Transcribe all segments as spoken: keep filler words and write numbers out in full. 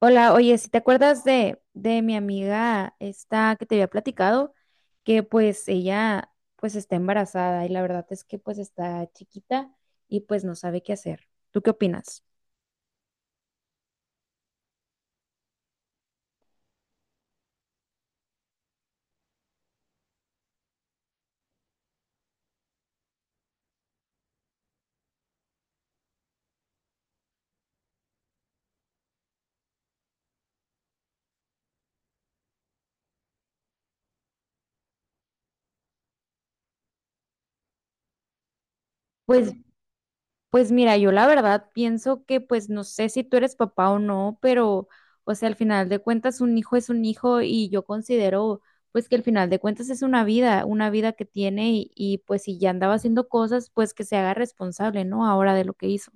Hola, oye, si te acuerdas de, de mi amiga esta que te había platicado, que pues ella pues está embarazada y la verdad es que pues está chiquita y pues no sabe qué hacer. ¿Tú qué opinas? Pues, pues mira, yo la verdad pienso que pues no sé si tú eres papá o no, pero o sea, al final de cuentas un hijo es un hijo y yo considero pues que al final de cuentas es una vida, una vida que tiene y, y pues si ya andaba haciendo cosas, pues que se haga responsable, ¿no? Ahora de lo que hizo.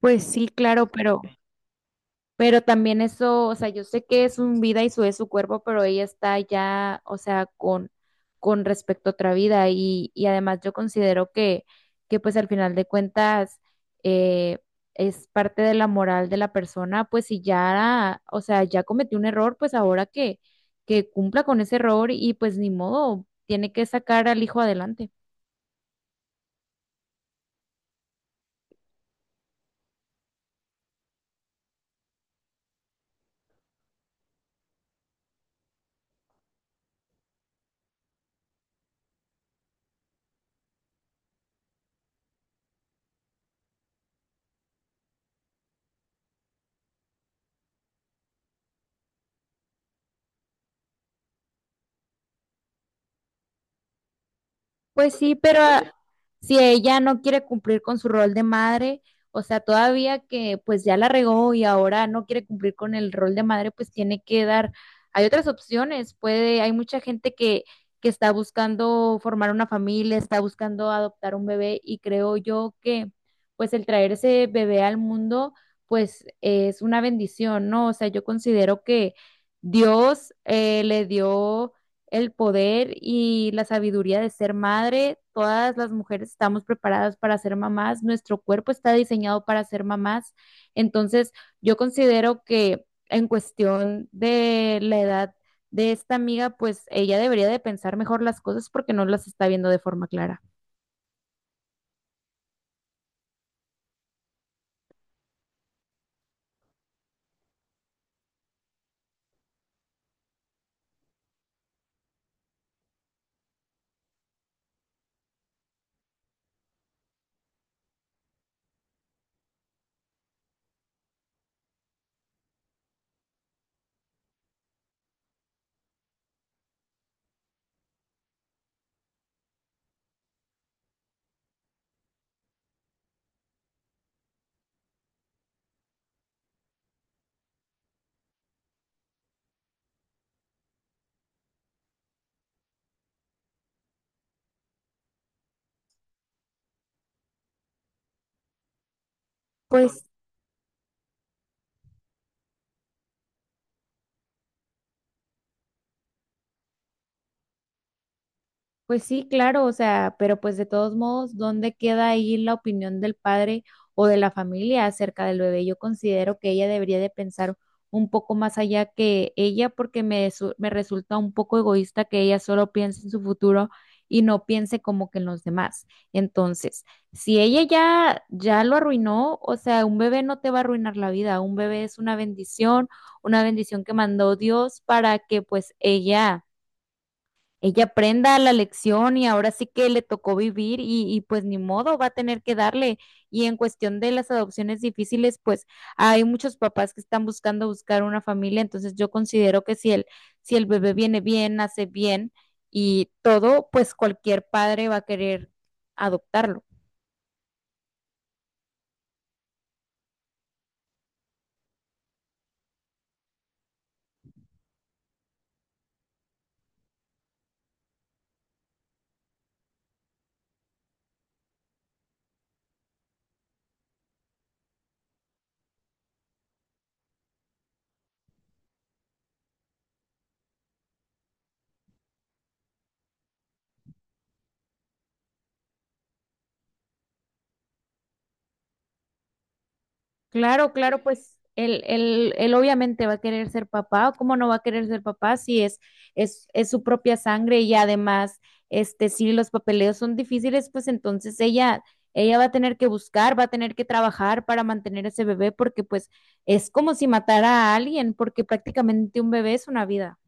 Pues sí, claro, pero, pero también eso, o sea, yo sé que es su vida y su es su cuerpo, pero ella está ya, o sea, con, con respecto a otra vida y, y además yo considero que, que pues al final de cuentas eh, es parte de la moral de la persona, pues si ya, o sea, ya cometió un error, pues ahora que, que cumpla con ese error y pues ni modo, tiene que sacar al hijo adelante. Pues sí, pero ah, si ella no quiere cumplir con su rol de madre, o sea, todavía que pues ya la regó y ahora no quiere cumplir con el rol de madre, pues tiene que dar, hay otras opciones, puede, hay mucha gente que, que está buscando formar una familia, está buscando adoptar un bebé y creo yo que pues el traer ese bebé al mundo, pues es una bendición, ¿no? O sea, yo considero que Dios eh, le dio el poder y la sabiduría de ser madre. Todas las mujeres estamos preparadas para ser mamás, nuestro cuerpo está diseñado para ser mamás. Entonces, yo considero que en cuestión de la edad de esta amiga, pues ella debería de pensar mejor las cosas porque no las está viendo de forma clara. Pues pues sí, claro, o sea, pero pues de todos modos, ¿dónde queda ahí la opinión del padre o de la familia acerca del bebé? Yo considero que ella debería de pensar un poco más allá que ella porque me, su- me resulta un poco egoísta que ella solo piense en su futuro y no piense como que en los demás. Entonces, si ella ya, ya lo arruinó, o sea, un bebé no te va a arruinar la vida, un bebé es una bendición, una bendición que mandó Dios para que pues ella ella aprenda la lección y ahora sí que le tocó vivir y, y pues ni modo, va a tener que darle. Y en cuestión de las adopciones difíciles, pues hay muchos papás que están buscando buscar una familia, entonces yo considero que si el, si el bebé viene bien, nace bien y todo, pues cualquier padre va a querer adoptarlo. Claro, claro, pues él, él, él obviamente va a querer ser papá. ¿Cómo no va a querer ser papá si es, es, es su propia sangre? Y además, este, si los papeleos son difíciles, pues entonces ella, ella va a tener que buscar, va a tener que trabajar para mantener ese bebé, porque pues es como si matara a alguien, porque prácticamente un bebé es una vida.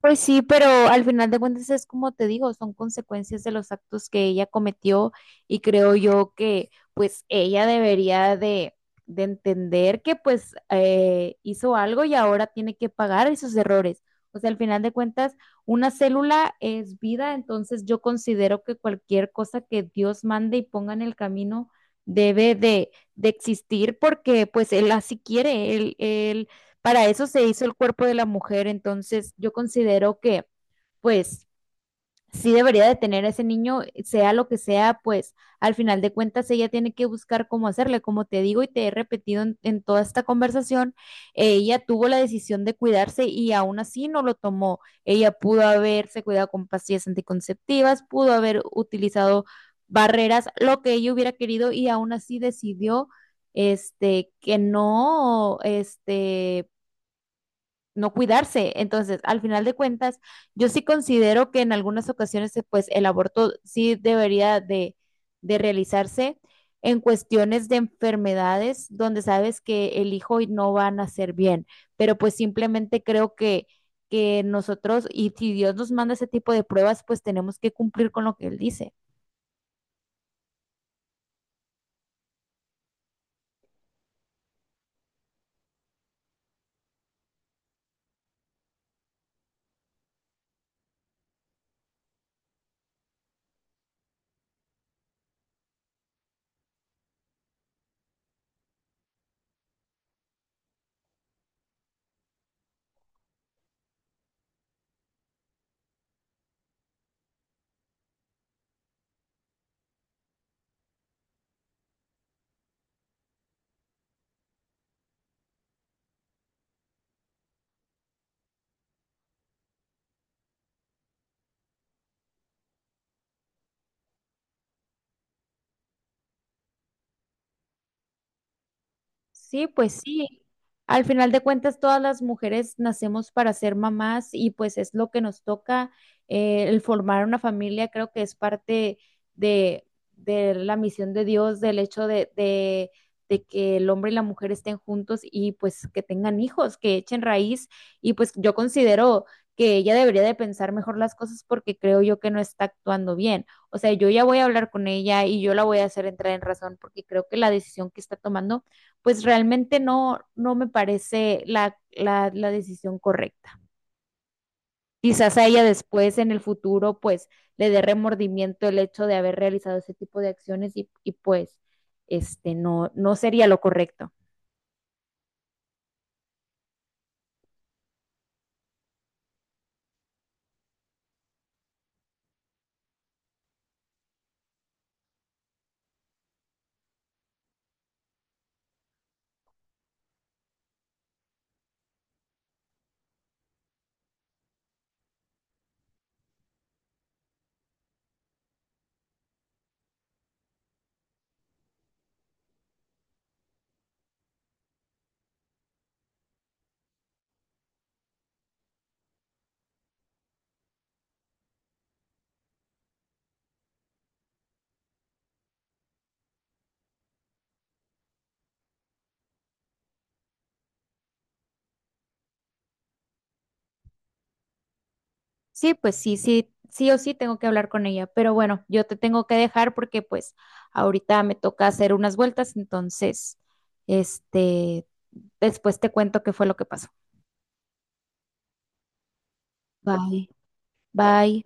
Pues sí, pero al final de cuentas es como te digo, son consecuencias de los actos que ella cometió y creo yo que pues ella debería de, de entender que pues eh, hizo algo y ahora tiene que pagar esos errores. O sea, al final de cuentas, una célula es vida, entonces yo considero que cualquier cosa que Dios mande y ponga en el camino debe de, de existir porque pues él así quiere, él, él para eso se hizo el cuerpo de la mujer, entonces yo considero que, pues, sí debería de tener a ese niño, sea lo que sea, pues, al final de cuentas ella tiene que buscar cómo hacerle, como te digo y te he repetido en, en toda esta conversación, ella tuvo la decisión de cuidarse y aún así no lo tomó. Ella pudo haberse cuidado con pastillas anticonceptivas, pudo haber utilizado barreras, lo que ella hubiera querido y aún así decidió este que no este no cuidarse. Entonces, al final de cuentas, yo sí considero que en algunas ocasiones, pues, el aborto sí debería de, de realizarse en cuestiones de enfermedades donde sabes que el hijo no va a nacer bien, pero pues simplemente creo que que nosotros, y si Dios nos manda ese tipo de pruebas, pues tenemos que cumplir con lo que Él dice. Sí, pues sí. Al final de cuentas, todas las mujeres nacemos para ser mamás y pues es lo que nos toca. Eh, el formar una familia creo que es parte de, de la misión de Dios, del hecho de, de, de que el hombre y la mujer estén juntos y pues que tengan hijos, que echen raíz. Y pues yo considero que ella debería de pensar mejor las cosas porque creo yo que no está actuando bien. O sea, yo ya voy a hablar con ella y yo la voy a hacer entrar en razón porque creo que la decisión que está tomando pues realmente no, no me parece la, la, la, decisión correcta. Quizás a ella después, en el futuro, pues le dé remordimiento el hecho de haber realizado ese tipo de acciones y, y pues este, no, no sería lo correcto. Sí, pues sí, sí, sí o sí tengo que hablar con ella, pero bueno, yo te tengo que dejar porque pues ahorita me toca hacer unas vueltas, entonces, este, después te cuento qué fue lo que pasó. Bye, bye.